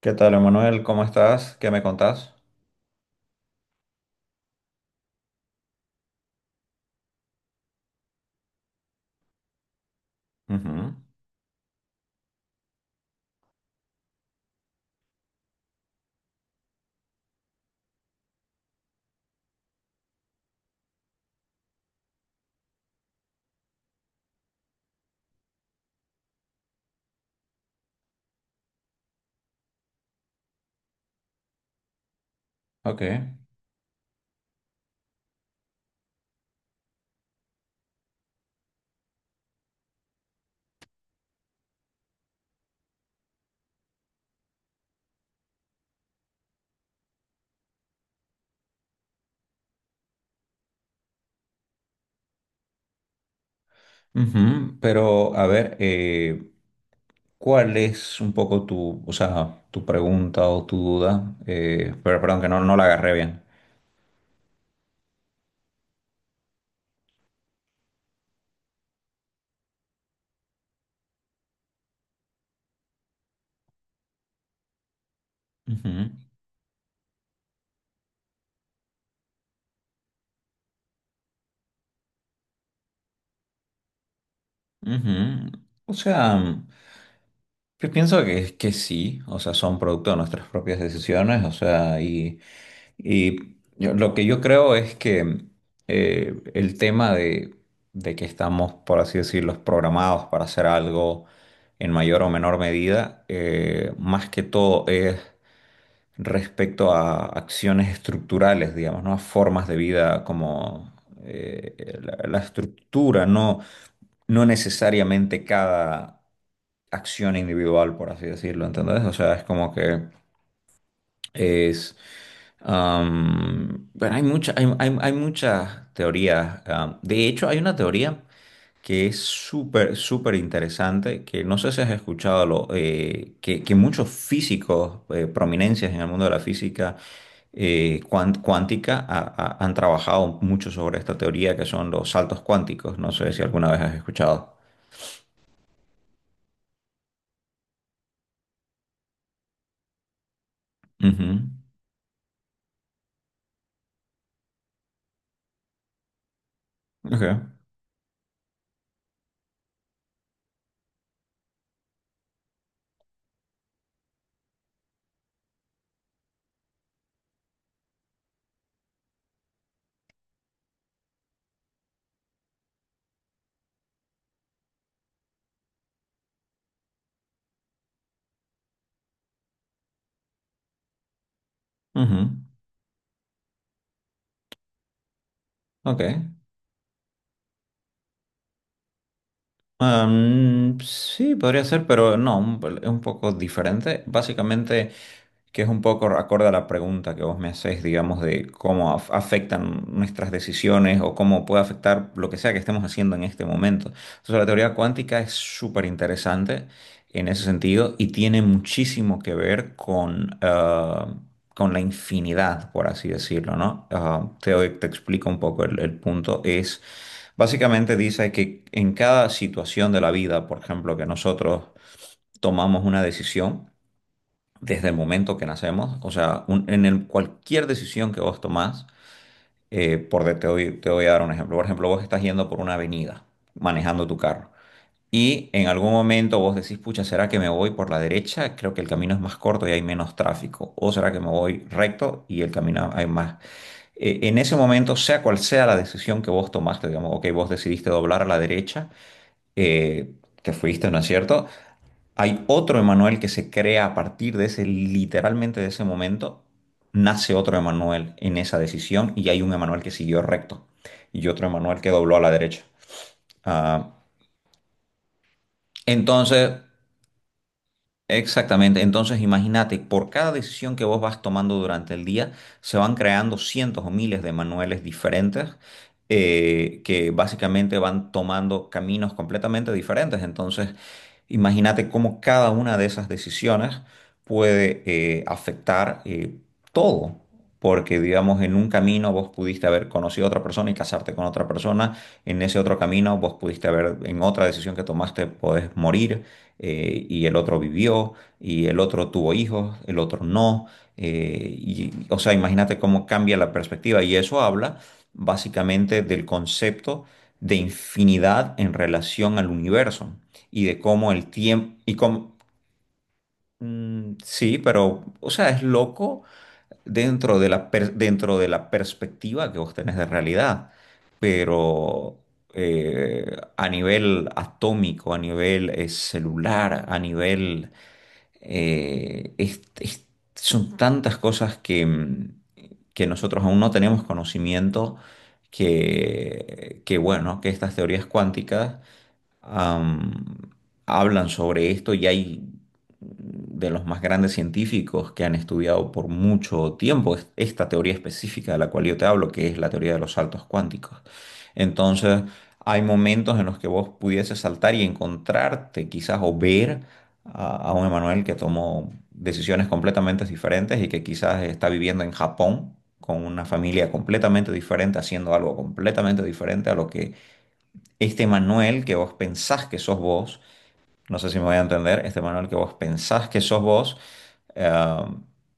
¿Qué tal, Emanuel? ¿Cómo estás? ¿Qué me contás? Ujú. Ok. Ujú. Pero, a ver, ¿cuál es un poco tu, o sea, tu pregunta o tu duda? Pero perdón, que no la agarré bien. Ujú, ujú. O sea, yo pienso que sí, o sea, son producto de nuestras propias decisiones, o sea, y... Lo que yo creo es que el tema de, que estamos, por así decirlo, programados para hacer algo en mayor o menor medida, más que todo es respecto a acciones estructurales, digamos, ¿no? A formas de vida como eh, la estructura, no necesariamente cada acción individual, por así decirlo, ¿entendés? O sea, es como que es. Bueno, hay muchas teorías. Am. De hecho, hay una teoría que es súper interesante, que no sé si has escuchado, lo, que muchos físicos, prominencias en el mundo de la física, cuántica han trabajado mucho sobre esta teoría, que son los saltos cuánticos. No sé si alguna vez has escuchado. Ujú. Ok. Ujú. Ok. Sí, podría ser, pero no, un- es un poco diferente. Básicamente, que es un poco acorde a la pregunta que vos me hacés, digamos, de afectan nuestras decisiones o cómo puede afectar lo que sea que estemos haciendo en este momento. Entonces, la teoría cuántica es súper interesante en ese sentido y tiene muchísimo que ver con, ah, con la infinidad, por así decirlo, ¿no? Ah, te explico un poco el punto. Es... Básicamente dice que en cada situación de la vida, por ejemplo, que nosotros tomamos una decisión desde el momento que nacemos, o sea, cualquier decisión que vos tomás, te doy, te voy a dar un ejemplo. Por ejemplo, vos estás yendo por una avenida manejando tu carro y en algún momento vos decís, pucha, ¿será que me voy por la derecha? Creo que el camino es más corto y hay menos tráfico. ¿O será que me voy recto y el camino hay más? En ese momento, sea cual sea la decisión que vos tomaste, digamos, ok, vos decidiste doblar a la derecha, eh, que fuiste, ¿no es cierto? Hay otro Emanuel que se crea a partir de ese, literalmente de ese momento, nace otro Emanuel en esa decisión y hay un Emanuel que siguió recto y otro Emanuel que dobló a la derecha. Ah, entonces... Exactamente, entonces imagínate, por cada decisión que vos vas tomando durante el día, se van creando cientos o miles de manuales diferentes, que básicamente van tomando caminos completamente diferentes. Entonces, imagínate cómo cada una de esas decisiones puede afectar, todo, porque digamos, en un camino vos pudiste haber conocido a otra persona y casarte con otra persona, en ese otro camino vos pudiste haber, en otra decisión que tomaste, podés morir, y el otro vivió, y el otro tuvo hijos, el otro no. O sea, imagínate cómo cambia la perspectiva. Y eso habla básicamente del concepto de infinidad en relación al universo y de cómo el tiempo y cómo... Mm, sí, pero o sea, es loco dentro de la perspectiva que vos tenés de realidad, pero eh, a nivel atómico, a nivel celular, a nivel eh, es- es- son tantas cosas que, mm, que nosotros aún no tenemos conocimiento, bueno, que estas teorías cuánticas, am, hablan sobre esto y hay de los más grandes científicos que han estudiado por mucho tiempo esta teoría específica de la cual yo te hablo, que es la teoría de los saltos cuánticos. Entonces, hay momentos en los que vos pudieses saltar y encontrarte quizás o ver a un Emanuel que tomó decisiones completamente diferentes y que quizás está viviendo en Japón con una familia completamente diferente, haciendo algo completamente diferente a lo que este Manuel que vos pensás que sos vos, no sé si me voy a entender, este Manuel que vos pensás que sos vos, eh,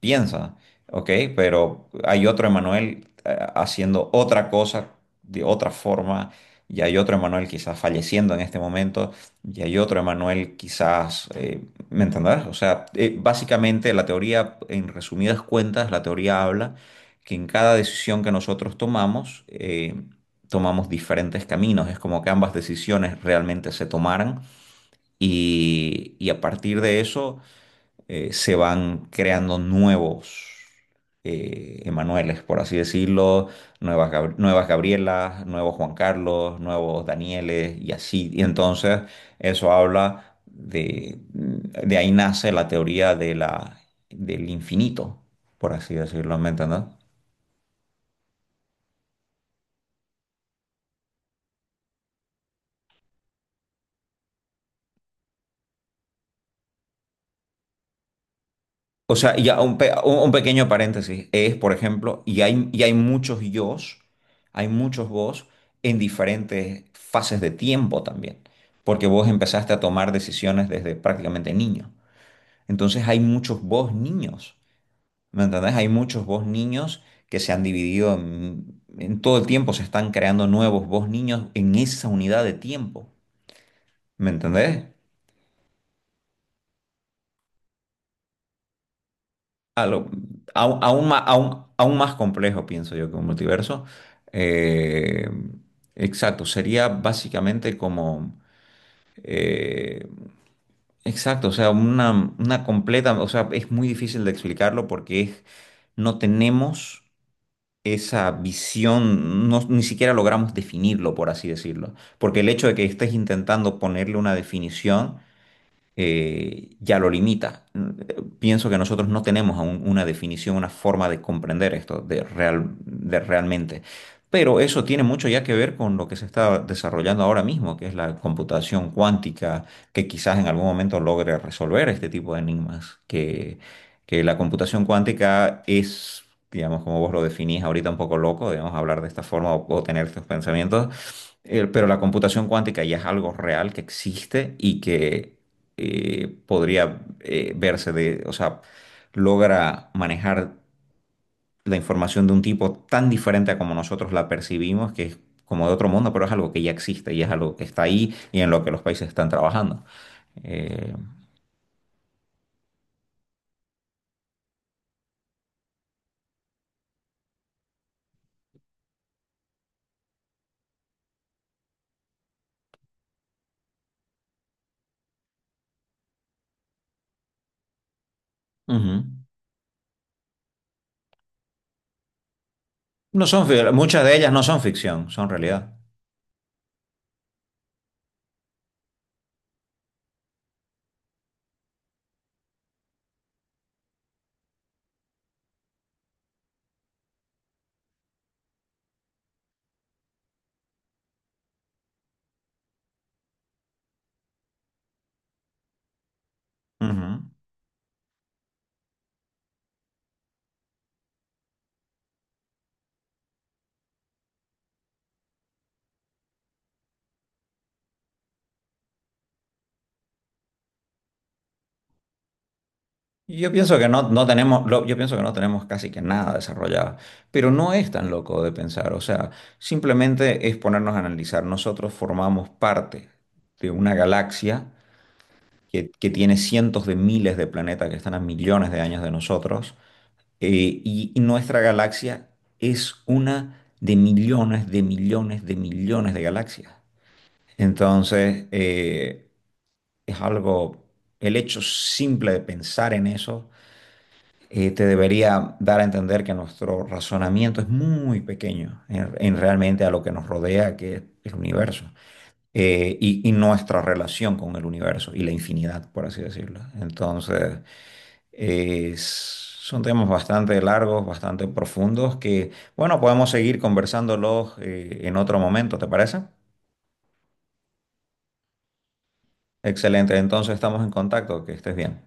piensa, ¿ok? Pero hay otro Emanuel haciendo otra cosa de otra forma, y hay otro Emanuel quizás falleciendo en este momento, y hay otro Emanuel quizás. ¿Me entendés? O sea, básicamente la teoría, en resumidas cuentas, la teoría habla que en cada decisión que nosotros tomamos, tomamos diferentes caminos, es como que ambas decisiones realmente se tomaran y a partir de eso se van creando nuevos Emanueles, por así decirlo, nuevas Gabrielas, nuevos Juan Carlos, nuevos Danieles y así. Y entonces eso habla de ahí nace la teoría de la, del infinito, por así decirlo, ¿me entiendes? O sea, un pequeño paréntesis es, por ejemplo, y hay muchos yos, hay muchos vos en diferentes fases de tiempo también, porque vos empezaste a tomar decisiones desde prácticamente niño. Entonces hay muchos vos niños, ¿me entendés? Hay muchos vos niños que se han dividido en todo el tiempo, se están creando nuevos vos niños en esa unidad de tiempo, ¿me entendés? A lo- aún, aún ma- aún- aún más complejo, pienso yo, que un multiverso. Eh, exacto, sería básicamente como... eh, exacto, o sea, una completa... O sea, es muy difícil de explicarlo porque es, no tenemos esa visión, ni siquiera logramos definirlo, por así decirlo. Porque el hecho de que estés intentando ponerle una definición ya lo limita. Pienso que nosotros no tenemos aún una definición, una forma de comprender esto de real, de realmente. Pero eso tiene mucho ya que ver con lo que se está desarrollando ahora mismo, que es la computación cuántica, que quizás en algún momento logre resolver este tipo de enigmas, que la computación cuántica es, digamos, como vos lo definís ahorita, un poco loco, digamos, hablar de esta forma o tener estos pensamientos, pero la computación cuántica ya es algo real que existe y que podría, verse de, o sea, logra manejar la información de un tipo tan diferente a como nosotros la percibimos, que es como de otro mundo, pero es algo que ya existe y es algo que está ahí y en lo que los países están trabajando. Eh, ujú. No son, fi- Muchas de ellas no son ficción, son realidad. Ujú. Yo pienso que no tenemos, yo pienso que no tenemos casi que nada desarrollado, pero no es tan loco de pensar, o sea, simplemente es ponernos a analizar. Nosotros formamos parte de una galaxia que tiene cientos de miles de planetas que están a millones de años de nosotros, eh, y nuestra galaxia es una de millones, de millones, de millones de galaxias. Entonces, es algo, el hecho simple de pensar en eso te debería dar a entender que nuestro razonamiento es muy pequeño en realmente a lo que nos rodea, que es el universo, y nuestra relación con el universo y la infinidad, por así decirlo. Entonces, son temas bastante largos, bastante profundos, que, bueno, podemos seguir conversándolos en otro momento, ¿te parece? Excelente, entonces estamos en contacto, que estés bien.